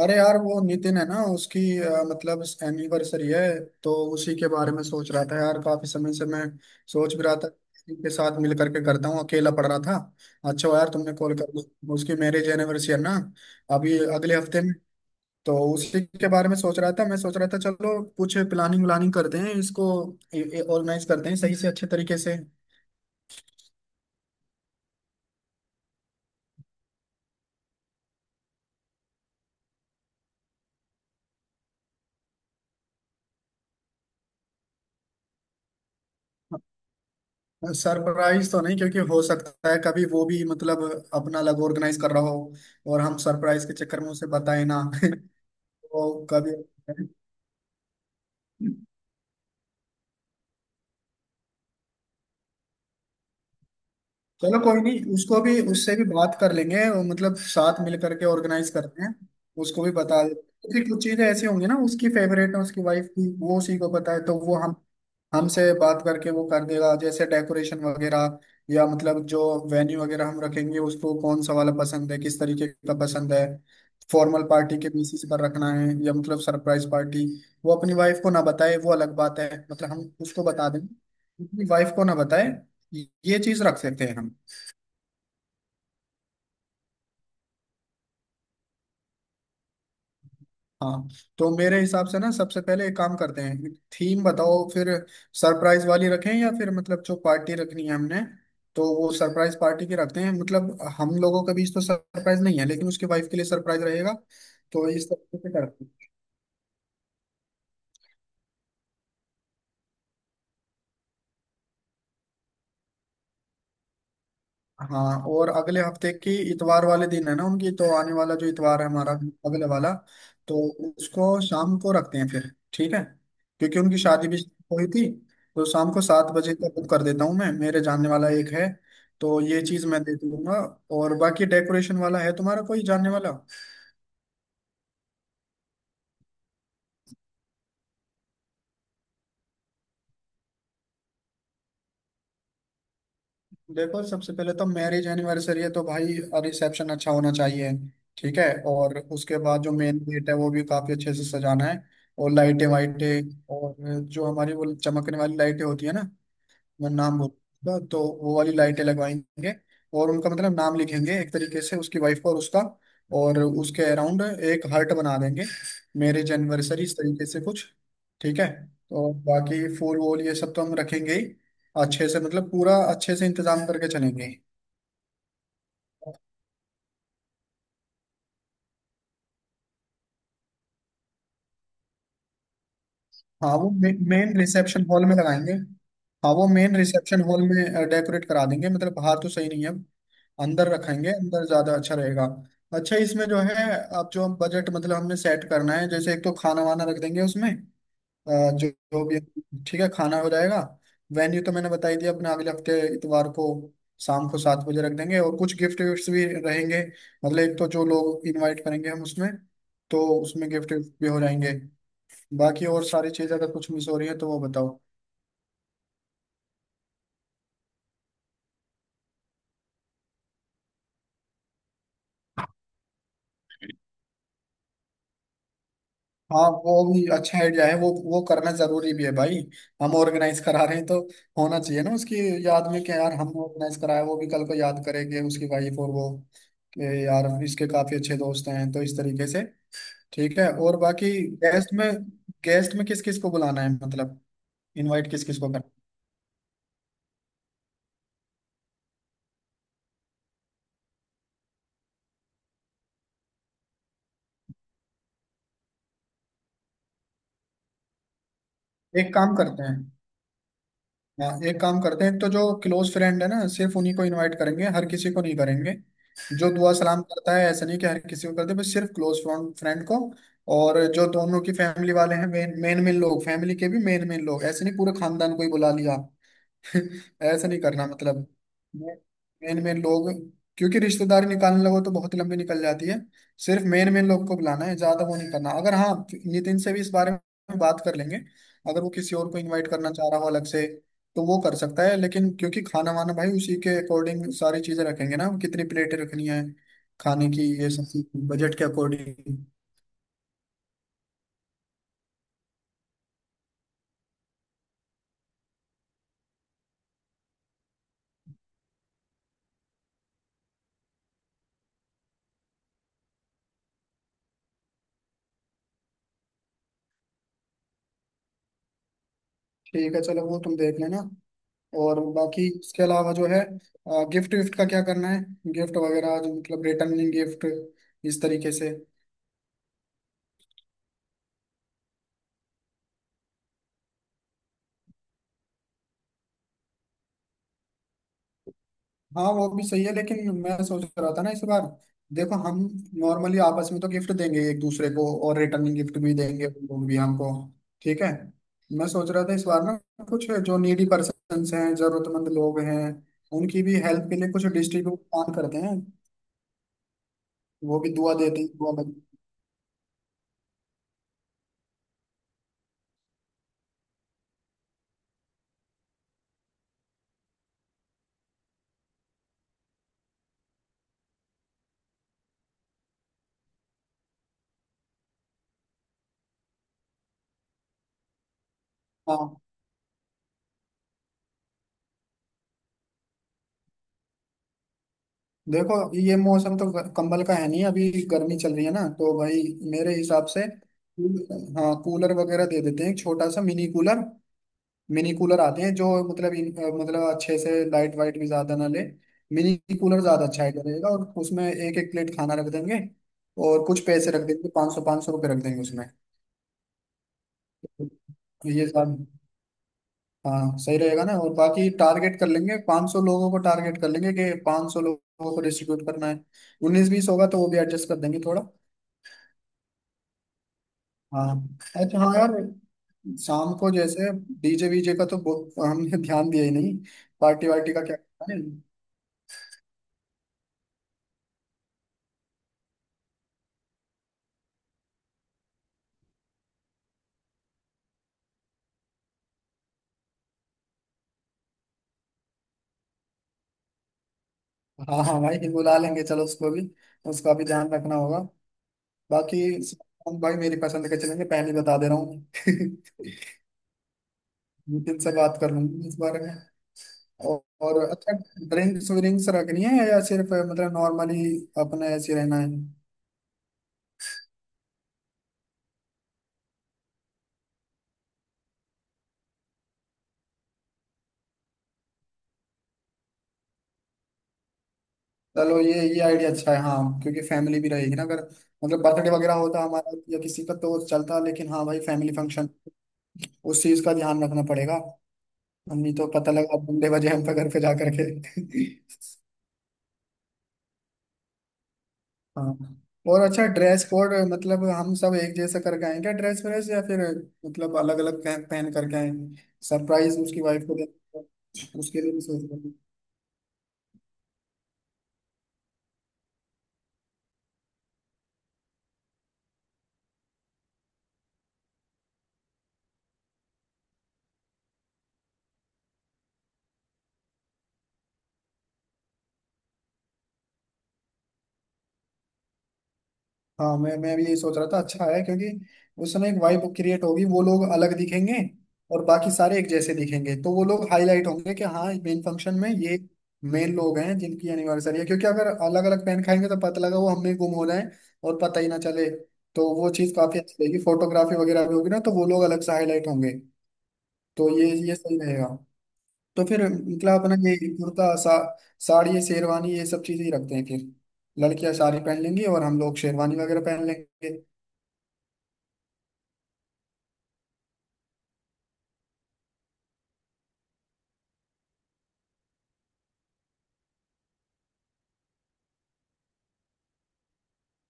अरे यार, वो नितिन है ना, उसकी मतलब एनिवर्सरी है। तो उसी के बारे में सोच रहा था यार, काफी समय से मैं सोच भी रहा था कि इनके साथ मिल करके करता हूँ, अकेला पड़ रहा था। अच्छा हुआ यार तुमने कॉल कर दिया, उसकी मैरिज एनिवर्सरी है ना अभी अगले हफ्ते में। तो उसी के बारे में सोच रहा था, मैं सोच रहा था चलो कुछ प्लानिंग व्लानिंग करते हैं, इसको ऑर्गेनाइज करते हैं सही से, अच्छे तरीके से। सरप्राइज तो नहीं, क्योंकि हो सकता है कभी वो भी मतलब अपना अलग ऑर्गेनाइज कर रहा हो और हम सरप्राइज के चक्कर में उसे बताए ना वो कभी, चलो कोई नहीं, उसको भी, उससे भी बात कर लेंगे और मतलब साथ मिल करके ऑर्गेनाइज करते हैं। उसको भी बता देते हैं। फिर कुछ चीजें ऐसी होंगी ना उसकी फेवरेट है उसकी वाइफ की, वो उसी को पता है, तो वो हम, हमसे बात करके वो कर देगा, जैसे डेकोरेशन वगैरह या मतलब जो वेन्यू वगैरह हम रखेंगे, उसको कौन सा वाला पसंद है, किस तरीके का पसंद है। फॉर्मल पार्टी के बेसिस पर रखना है या मतलब सरप्राइज पार्टी। वो अपनी वाइफ को ना बताए वो अलग बात है, मतलब हम उसको बता देंगे, अपनी वाइफ को ना बताए, ये चीज रख सकते हैं हम। हाँ, तो मेरे हिसाब से ना सबसे पहले एक काम करते हैं, थीम बताओ फिर। सरप्राइज वाली रखें या फिर मतलब जो पार्टी रखनी है हमने, तो वो सरप्राइज पार्टी की रखते हैं, मतलब हम लोगों के बीच तो सरप्राइज नहीं है लेकिन उसके वाइफ के लिए सरप्राइज रहेगा। तो इस तरीके से करते हैं। हाँ, और अगले हफ्ते की इतवार वाले दिन है ना उनकी, तो आने वाला जो इतवार है हमारा, अगले वाला, तो उसको शाम को रखते हैं, फिर ठीक है, क्योंकि उनकी शादी भी हुई थी। तो शाम को 7 बजे का बुक कर देता हूँ, मैं, मेरे जानने वाला एक है, तो ये चीज मैं देख लूंगा। और बाकी डेकोरेशन वाला है, तुम्हारा कोई जानने वाला? देखो, सबसे पहले तो मैरिज एनिवर्सरी है तो भाई रिसेप्शन अच्छा होना चाहिए, ठीक है। और उसके बाद जो मेन गेट है वो भी काफी अच्छे से सजाना है। और लाइटें वाइटें, और जो हमारी वो चमकने वाली लाइटें होती है ना, मैं नाम बोलूंगा तो वो वाली लाइटें लगवाएंगे। और उनका मतलब नाम लिखेंगे एक तरीके से, उसकी वाइफ का और उसका, और उसके अराउंड एक हर्ट बना देंगे, मैरिज एनिवर्सरी, इस तरीके से कुछ, ठीक है। और बाकी फूल वूल ये सब तो हम रखेंगे ही, अच्छे से, मतलब पूरा अच्छे से इंतजाम करके चलेंगे। हाँ, वो मेन रिसेप्शन हॉल में लगाएंगे। हाँ, वो मेन रिसेप्शन हॉल में डेकोरेट करा देंगे, मतलब बाहर तो सही नहीं है। अंदर रखेंगे, अंदर ज्यादा अच्छा रहेगा। अच्छा, इसमें जो है, अब जो बजट मतलब हमने सेट करना है, जैसे एक तो खाना वाना रख देंगे उसमें, जो जो भी, ठीक है, खाना हो जाएगा। वेन्यू तो मैंने बताई दिया अपने, अगले हफ्ते इतवार को शाम को 7 बजे रख देंगे, और कुछ गिफ्ट विफ्ट भी रहेंगे। मतलब एक तो जो लोग इनवाइट करेंगे हम उसमें, तो उसमें गिफ्ट भी हो जाएंगे। बाकी और सारी चीज अगर कुछ मिस हो रही है तो वो बताओ। हाँ वो भी अच्छा आइडिया है, वो करना जरूरी भी है भाई, हम ऑर्गेनाइज करा रहे हैं तो होना चाहिए ना, उसकी याद में, कि यार हम ऑर्गेनाइज कराया, वो भी कल को याद करेंगे उसकी वाइफ और वो, कि यार इसके काफी अच्छे दोस्त हैं, तो इस तरीके से, ठीक है। और बाकी गेस्ट में, गेस्ट में किस किस को बुलाना है, मतलब इनवाइट किस किस को करना है? एक काम करते हैं। हाँ एक काम करते हैं, तो जो क्लोज फ्रेंड है ना सिर्फ उन्हीं को इनवाइट करेंगे, हर किसी को नहीं करेंगे। जो दुआ सलाम करता है ऐसा नहीं कि हर किसी को करते, बस सिर्फ क्लोज फ्रेंड को। और जो दोनों की फैमिली वाले हैं, मेन मेन मेन लोग, फैमिली के भी मेन मेन लोग, ऐसे नहीं पूरे खानदान को ही बुला लिया, ऐसा नहीं करना, मतलब मेन मेन लोग। क्योंकि रिश्तेदारी निकालने लगो तो बहुत लंबी निकल जाती है। सिर्फ मेन मेन लोग को बुलाना है, ज्यादा वो नहीं करना। अगर, हाँ, नितिन से भी इस बारे में बात कर लेंगे, अगर वो किसी और को इनवाइट करना चाह रहा हो अलग से तो वो कर सकता है, लेकिन क्योंकि खाना वाना भाई उसी के अकॉर्डिंग सारी चीजें रखेंगे ना, कितनी प्लेटें रखनी है, खाने की ये सब, बजट के अकॉर्डिंग। ठीक है चलो, वो तुम देख लेना। और बाकी उसके अलावा जो है, गिफ्ट विफ्ट का क्या करना है, गिफ्ट वगैरह जो मतलब रिटर्निंग गिफ्ट, इस तरीके से। हाँ, वो भी सही है, लेकिन मैं सोच रहा था ना इस बार, देखो, हम नॉर्मली आपस में तो गिफ्ट देंगे एक दूसरे को, और रिटर्निंग गिफ्ट भी देंगे वो भी हमको, ठीक है। मैं सोच रहा था इस बार ना, कुछ जो नीडी पर्सन्स हैं, जरूरतमंद लोग हैं, उनकी भी हेल्प के लिए कुछ डिस्ट्रीब्यूट प्लान करते हैं, वो भी दुआ देते हैं, दुआ बन। हाँ देखो, ये मौसम तो कंबल का है नहीं, अभी गर्मी चल रही है ना, तो भाई मेरे हिसाब से हाँ, कूलर वगैरह दे देते हैं, एक छोटा सा मिनी कूलर। मिनी कूलर आते हैं जो मतलब मतलब अच्छे से लाइट वाइट भी ज्यादा ना ले। मिनी कूलर ज्यादा अच्छा आइडिया रहेगा, और उसमें एक एक प्लेट खाना रख देंगे, और कुछ पैसे रख देंगे, 500 500 रुपये रख देंगे उसमें, ये सब। हाँ सही रहेगा ना, और बाकी टारगेट कर लेंगे, 500 लोगों को टारगेट कर लेंगे, कि 500 लोगों को डिस्ट्रीब्यूट करना है। उन्नीस बीस होगा तो वो भी एडजस्ट कर देंगे थोड़ा। हाँ, अच्छा हाँ यार, शाम को जैसे डीजे वीजे का तो, हमने ध्यान दिया ही नहीं, पार्टी वार्टी का क्या करना है। हाँ हाँ भाई बुला लेंगे, चलो उसको भी, उसका भी ध्यान रखना होगा। बाकी भाई मेरी पसंद के चलेंगे, पहले ही बता दे रहा हूँ नितिन से बात कर लूंगी इस बारे में। औ- और अच्छा, ड्रिंक्स विंक्स रखनी है या सिर्फ मतलब नॉर्मली अपने ऐसे रहना है। चलो ये आइडिया अच्छा है, हाँ, क्योंकि फैमिली भी रहेगी ना अगर, मतलब बर्थडे वगैरह होता हमारा या किसी का तो चलता, लेकिन हाँ भाई फैमिली फंक्शन, उस चीज का ध्यान रखना पड़ेगा। नहीं तो पता लगा बंदे बजे हम पे, घर पे जा करके हाँ, और अच्छा, ड्रेस कोड, मतलब हम सब एक जैसा करके आएंगे ड्रेस व्रेस, या फिर मतलब अलग अलग पहन पहन करके आएंगे, सरप्राइज उसकी वाइफ को दे, उसके लिए भी सोच रहे हैं। हाँ, मैं भी यही सोच रहा था, अच्छा है, क्योंकि उसमें एक वाइब क्रिएट होगी, वो लोग अलग दिखेंगे और बाकी सारे एक जैसे दिखेंगे तो वो लोग हाईलाइट होंगे, कि हाँ मेन फंक्शन में ये मेन लोग हैं जिनकी एनिवर्सरी है। क्योंकि अगर अलग अलग पेन खाएंगे तो पता लगा वो हमने गुम हो जाए और पता ही ना चले। तो वो चीज़ काफी अच्छी रहेगी, फोटोग्राफी वगैरह भी होगी ना, तो वो लोग अलग से हाईलाइट होंगे। तो ये सही रहेगा। तो फिर मतलब अपना ये कुर्ता सा, साड़ी, ये शेरवानी, ये सब चीजें ही रखते हैं फिर, लड़कियां साड़ी पहन लेंगी और हम लोग शेरवानी वगैरह पहन लेंगे।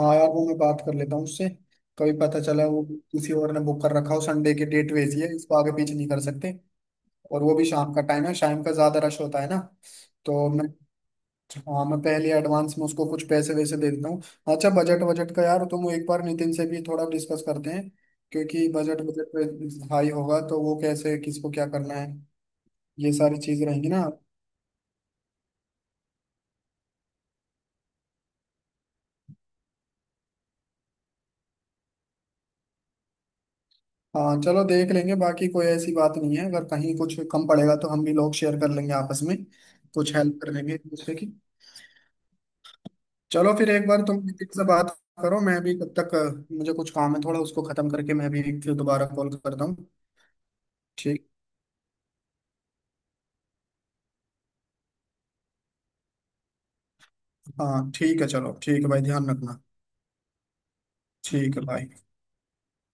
हाँ यार, वो मैं बात कर लेता हूँ उससे, कभी पता चला वो किसी और ने बुक कर रखा हो, संडे की डेट वैसी है, इसको आगे पीछे नहीं कर सकते। और वो भी शाम का टाइम है, शाम का ज्यादा रश होता है ना, तो मैं, हाँ मैं पहले एडवांस में उसको कुछ पैसे वैसे दे देता हूँ। अच्छा, बजट, बजट का यार तुम एक बार नितिन से भी थोड़ा डिस्कस करते हैं, क्योंकि बजट बजट हाई होगा तो वो कैसे, किसको क्या करना है, ये सारी चीज रहेंगी ना। हाँ चलो देख लेंगे, बाकी कोई ऐसी बात नहीं है, अगर कहीं कुछ कम पड़ेगा तो हम भी लोग शेयर कर लेंगे आपस में, कुछ हेल्प कर लेंगे एक दूसरे की। चलो फिर एक बार तुम किसी से बात करो, मैं भी तब तक, मुझे कुछ काम है थोड़ा, उसको खत्म करके मैं भी फिर दोबारा कॉल करता हूँ। ठीक। हाँ ठीक है चलो, ठीक है भाई, ध्यान रखना, ठीक है भाई।